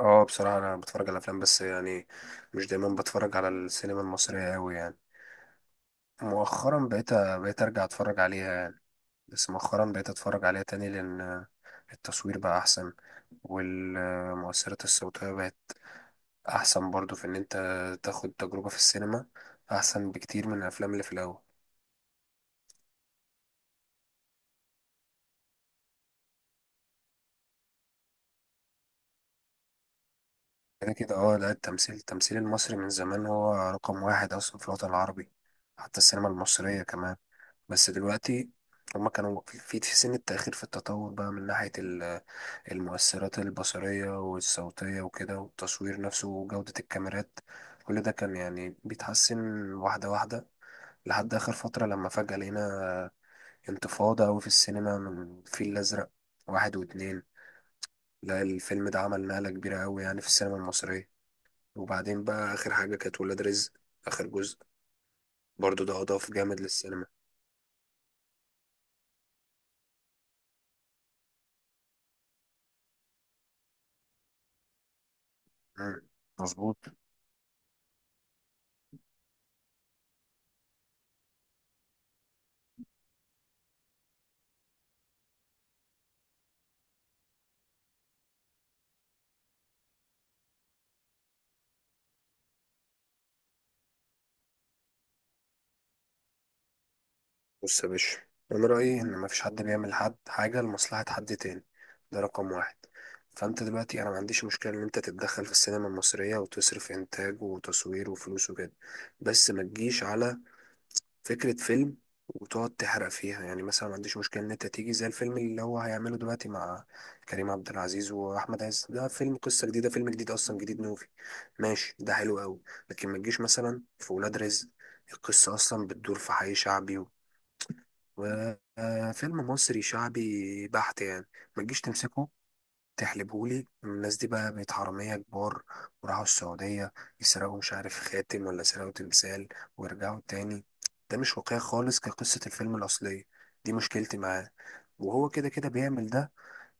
اه بصراحة أنا بتفرج على أفلام، بس يعني مش دايما بتفرج على السينما المصرية أوي يعني. مؤخرا بقيت أرجع أتفرج عليها يعني. بس مؤخرا بقيت أتفرج عليها تاني لأن التصوير بقى أحسن، والمؤثرات الصوتية بقت أحسن برضو، في إن أنت تاخد تجربة في السينما أحسن بكتير من الأفلام اللي في الأول. كده كده، لا، التمثيل المصري من زمان هو رقم واحد أصلا في الوطن العربي. حتى السينما المصرية كمان. بس دلوقتي هما كانوا في سن التأخير في التطور بقى من ناحية المؤثرات البصرية والصوتية وكده، والتصوير نفسه وجودة الكاميرات. كل ده كان يعني بيتحسن واحدة واحدة، لحد آخر فترة لما فجأة لقينا انتفاضة أوي في السينما من الفيل الأزرق واحد واتنين. لا، الفيلم ده عمل نقلة كبيرة أوي يعني في السينما المصرية. وبعدين بقى آخر حاجة كانت ولاد رزق، آخر جزء، برضو ده أضاف جامد للسينما. مم. مظبوط. بص يا باشا، انا رايي ان مفيش حد بيعمل حد حاجه لمصلحه حد تاني، ده رقم واحد. فانت دلوقتي انا ما عنديش مشكله ان انت تتدخل في السينما المصريه، وتصرف انتاج وتصوير وفلوس وكده. بس ما تجيش على فكره فيلم وتقعد تحرق فيها. يعني مثلا ما عنديش مشكله ان انت تيجي زي الفيلم اللي هو هيعمله دلوقتي مع كريم عبد العزيز واحمد عز، ده فيلم قصه جديده، فيلم جديد اصلا، جديد نوفي، ماشي، ده حلو قوي. لكن ما تجيش مثلا في ولاد رزق، القصة أصلا بتدور في حي شعبي، وفيلم مصري شعبي بحت يعني. ما تجيش تمسكه تحلبهولي الناس دي، بقى بقت حرامية كبار وراحوا السعودية يسرقوا مش عارف خاتم ولا سرقوا تمثال ويرجعوا تاني. ده مش واقعي خالص كقصة الفيلم الأصلية. دي مشكلتي معاه. وهو كده كده بيعمل ده،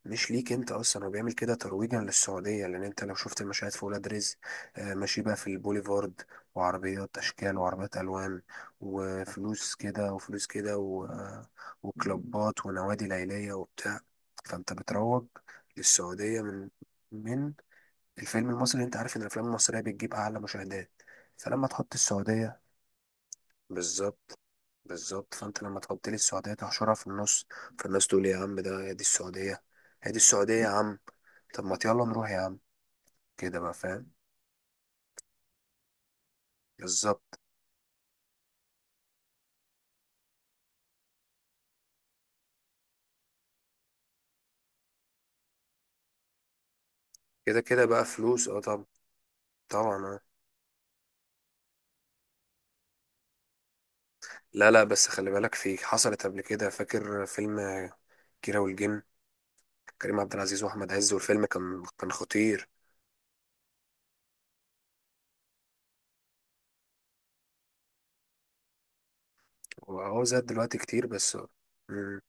مش ليك انت اصلا، هو بيعمل كده ترويجا للسعوديه، لان انت لو شفت المشاهد في ولاد رزق، ماشي بقى في البوليفارد، وعربيات اشكال وعربيات الوان، وفلوس كده وفلوس كده وكلوبات ونوادي ليليه وبتاع. فانت بتروج للسعوديه من الفيلم المصري. انت عارف ان الافلام المصريه بتجيب اعلى مشاهدات. فلما تحط السعوديه. بالظبط. بالظبط، فانت لما تحط لي السعوديه تحشرها في النص، فالناس تقول إيه يا عم، ده هي دي السعوديه، هي دي السعوديه يا عم، طب ما يلا نروح يا عم، كده بقى فاهم. بالظبط. كده كده بقى فلوس طب. طبعا. آه. لا لا، بس خلي بالك، في حصلت قبل كده، فاكر فيلم كيرة والجن، كريم عبد العزيز واحمد عز، والفيلم كان خطير. وهو زاد دلوقتي كتير بس. آه. مم.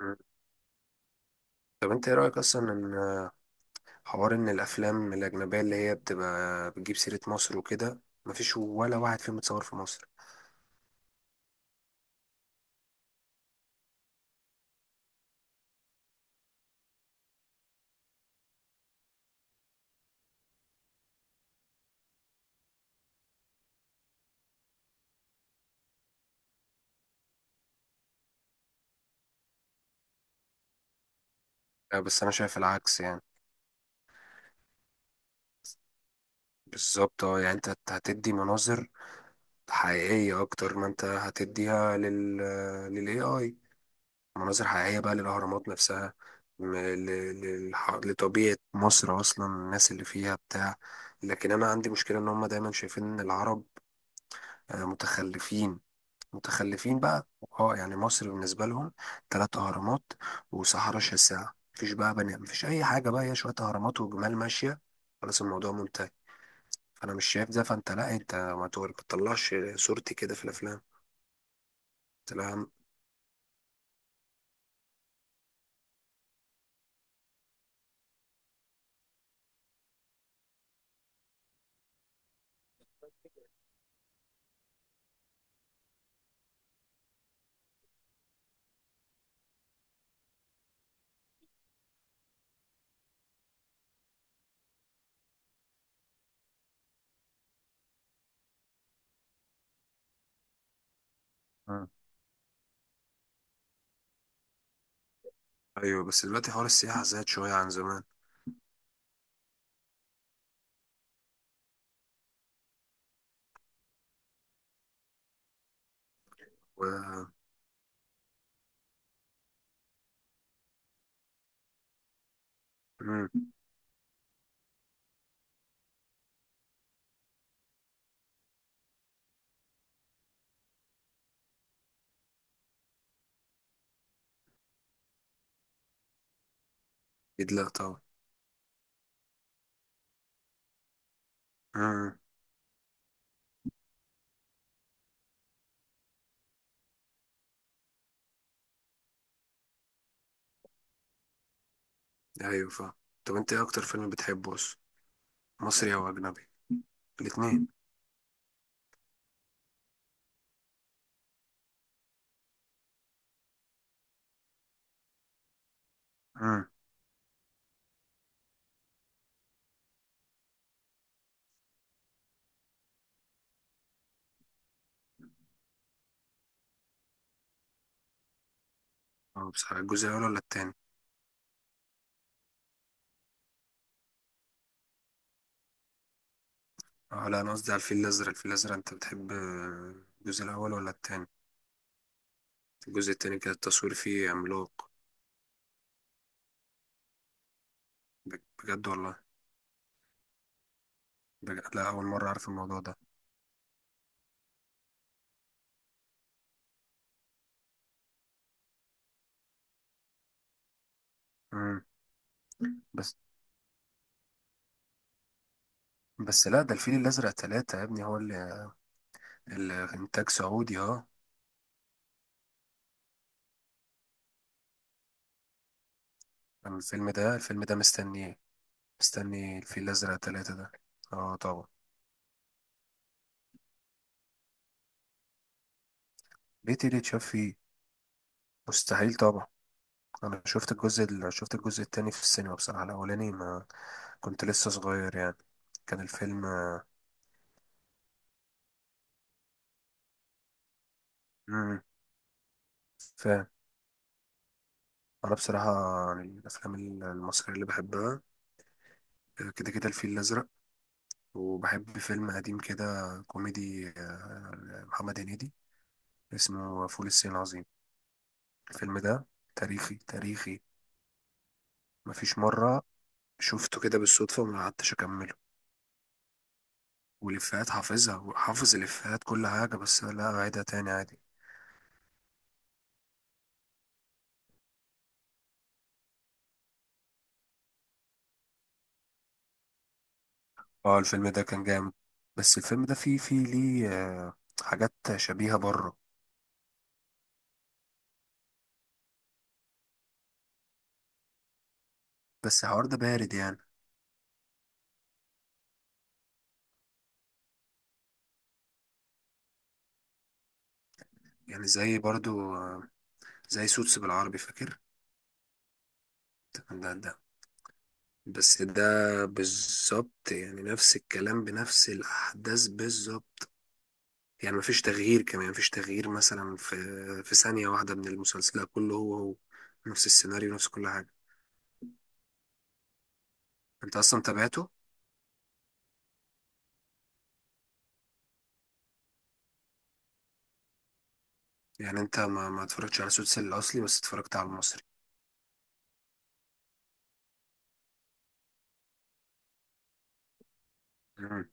مم. طب انت ايه رايك اصلا حوار ان الافلام الاجنبيه اللي هي بتبقى بتجيب سيره مصر وكده، مفيش ولا واحد فيهم متصور في مصر؟ بس انا شايف العكس يعني. بالظبط. اه يعني انت هتدي مناظر حقيقيه اكتر ما انت هتديها لل للAI، مناظر حقيقيه بقى للاهرامات نفسها، لطبيعه مصر اصلا، الناس اللي فيها بتاع. لكن انا عندي مشكله ان هم دايما شايفين ان العرب متخلفين. متخلفين بقى. اه يعني مصر بالنسبة لهم 3 أهرامات وصحراء شاسعة، مفيش بقى بني، مفيش أي حاجة، بقى هي شوية أهرامات وجمال ماشية، خلاص الموضوع منتهي. فأنا مش شايف ده. فأنت لا، أنت ما تطلعش صورتي كده في الأفلام. تمام. مم. أيوه، بس دلوقتي حوار السياحة زاد شوية عن زمان. و مم. أكيد، لا طبعا. مم. أيوه فاهم. طب أنت إيه أكتر فيلم بتحبه أصلا، مصري أو أجنبي؟ الاتنين. مم. أه، بصراحة الجزء الأول ولا التاني؟ اه لا، انا قصدي على الفيل الازرق، الفيل الازرق انت بتحب، الجزء الاول ولا التاني؟ الجزء التاني كان التصوير فيه عملاق. بجد والله؟ لا، اول مره اعرف الموضوع ده. امم بس. بس لا، ده الفيل الازرق ثلاثة يا ابني، هو اللي الانتاج سعودي. اه كان الفيلم ده مستنيه، مستني الفيل الازرق ثلاثة ده. اه طبعا. ليه تيجي تشاف فيه؟ مستحيل طبعا. انا شفت شفت الجزء التاني في السينما بصراحه. الاولاني ما كنت لسه صغير يعني، كان الفيلم. فاهم. انا بصراحه يعني، الافلام المصريه اللي بحبها كده كده الفيل الازرق. وبحب فيلم قديم كده كوميدي، محمد هنيدي، اسمه فول الصين العظيم. الفيلم ده تاريخي تاريخي، مفيش مره شفته كده بالصدفه وما قعدتش اكمله، والافيهات حافظها، وحافظ الافيهات كل حاجه، بس لا اعيدها تاني عادي. اه، الفيلم ده كان جامد. بس الفيلم ده فيه ليه حاجات شبيهه بره. بس الحوار ده بارد يعني. يعني زي برضو زي سوتس بالعربي فاكر. ده بس، ده بالظبط، يعني نفس الكلام بنفس الأحداث بالظبط. يعني مفيش تغيير، كمان مفيش تغيير مثلا في ثانية واحدة من المسلسل، لا كله هو هو نفس السيناريو، نفس كل حاجة. انت اصلا تابعته؟ يعني انت ما اتفرجتش على سوتس الاصلي، بس اتفرجت على المصري. مم.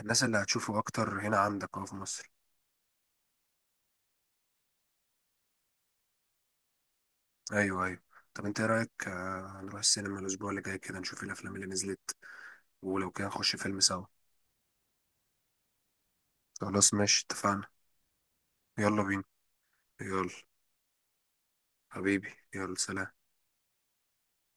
الناس اللي هتشوفه اكتر هنا عندك اهو في مصر. ايوه، ايوه. طب انت ايه رايك، نروح السينما الاسبوع اللي جاي كده نشوف الافلام اللي نزلت، ولو كده نخش فيلم سوا. خلاص ماشي، اتفقنا. يلا بينا. يلا. حبيبي يلا، سلام.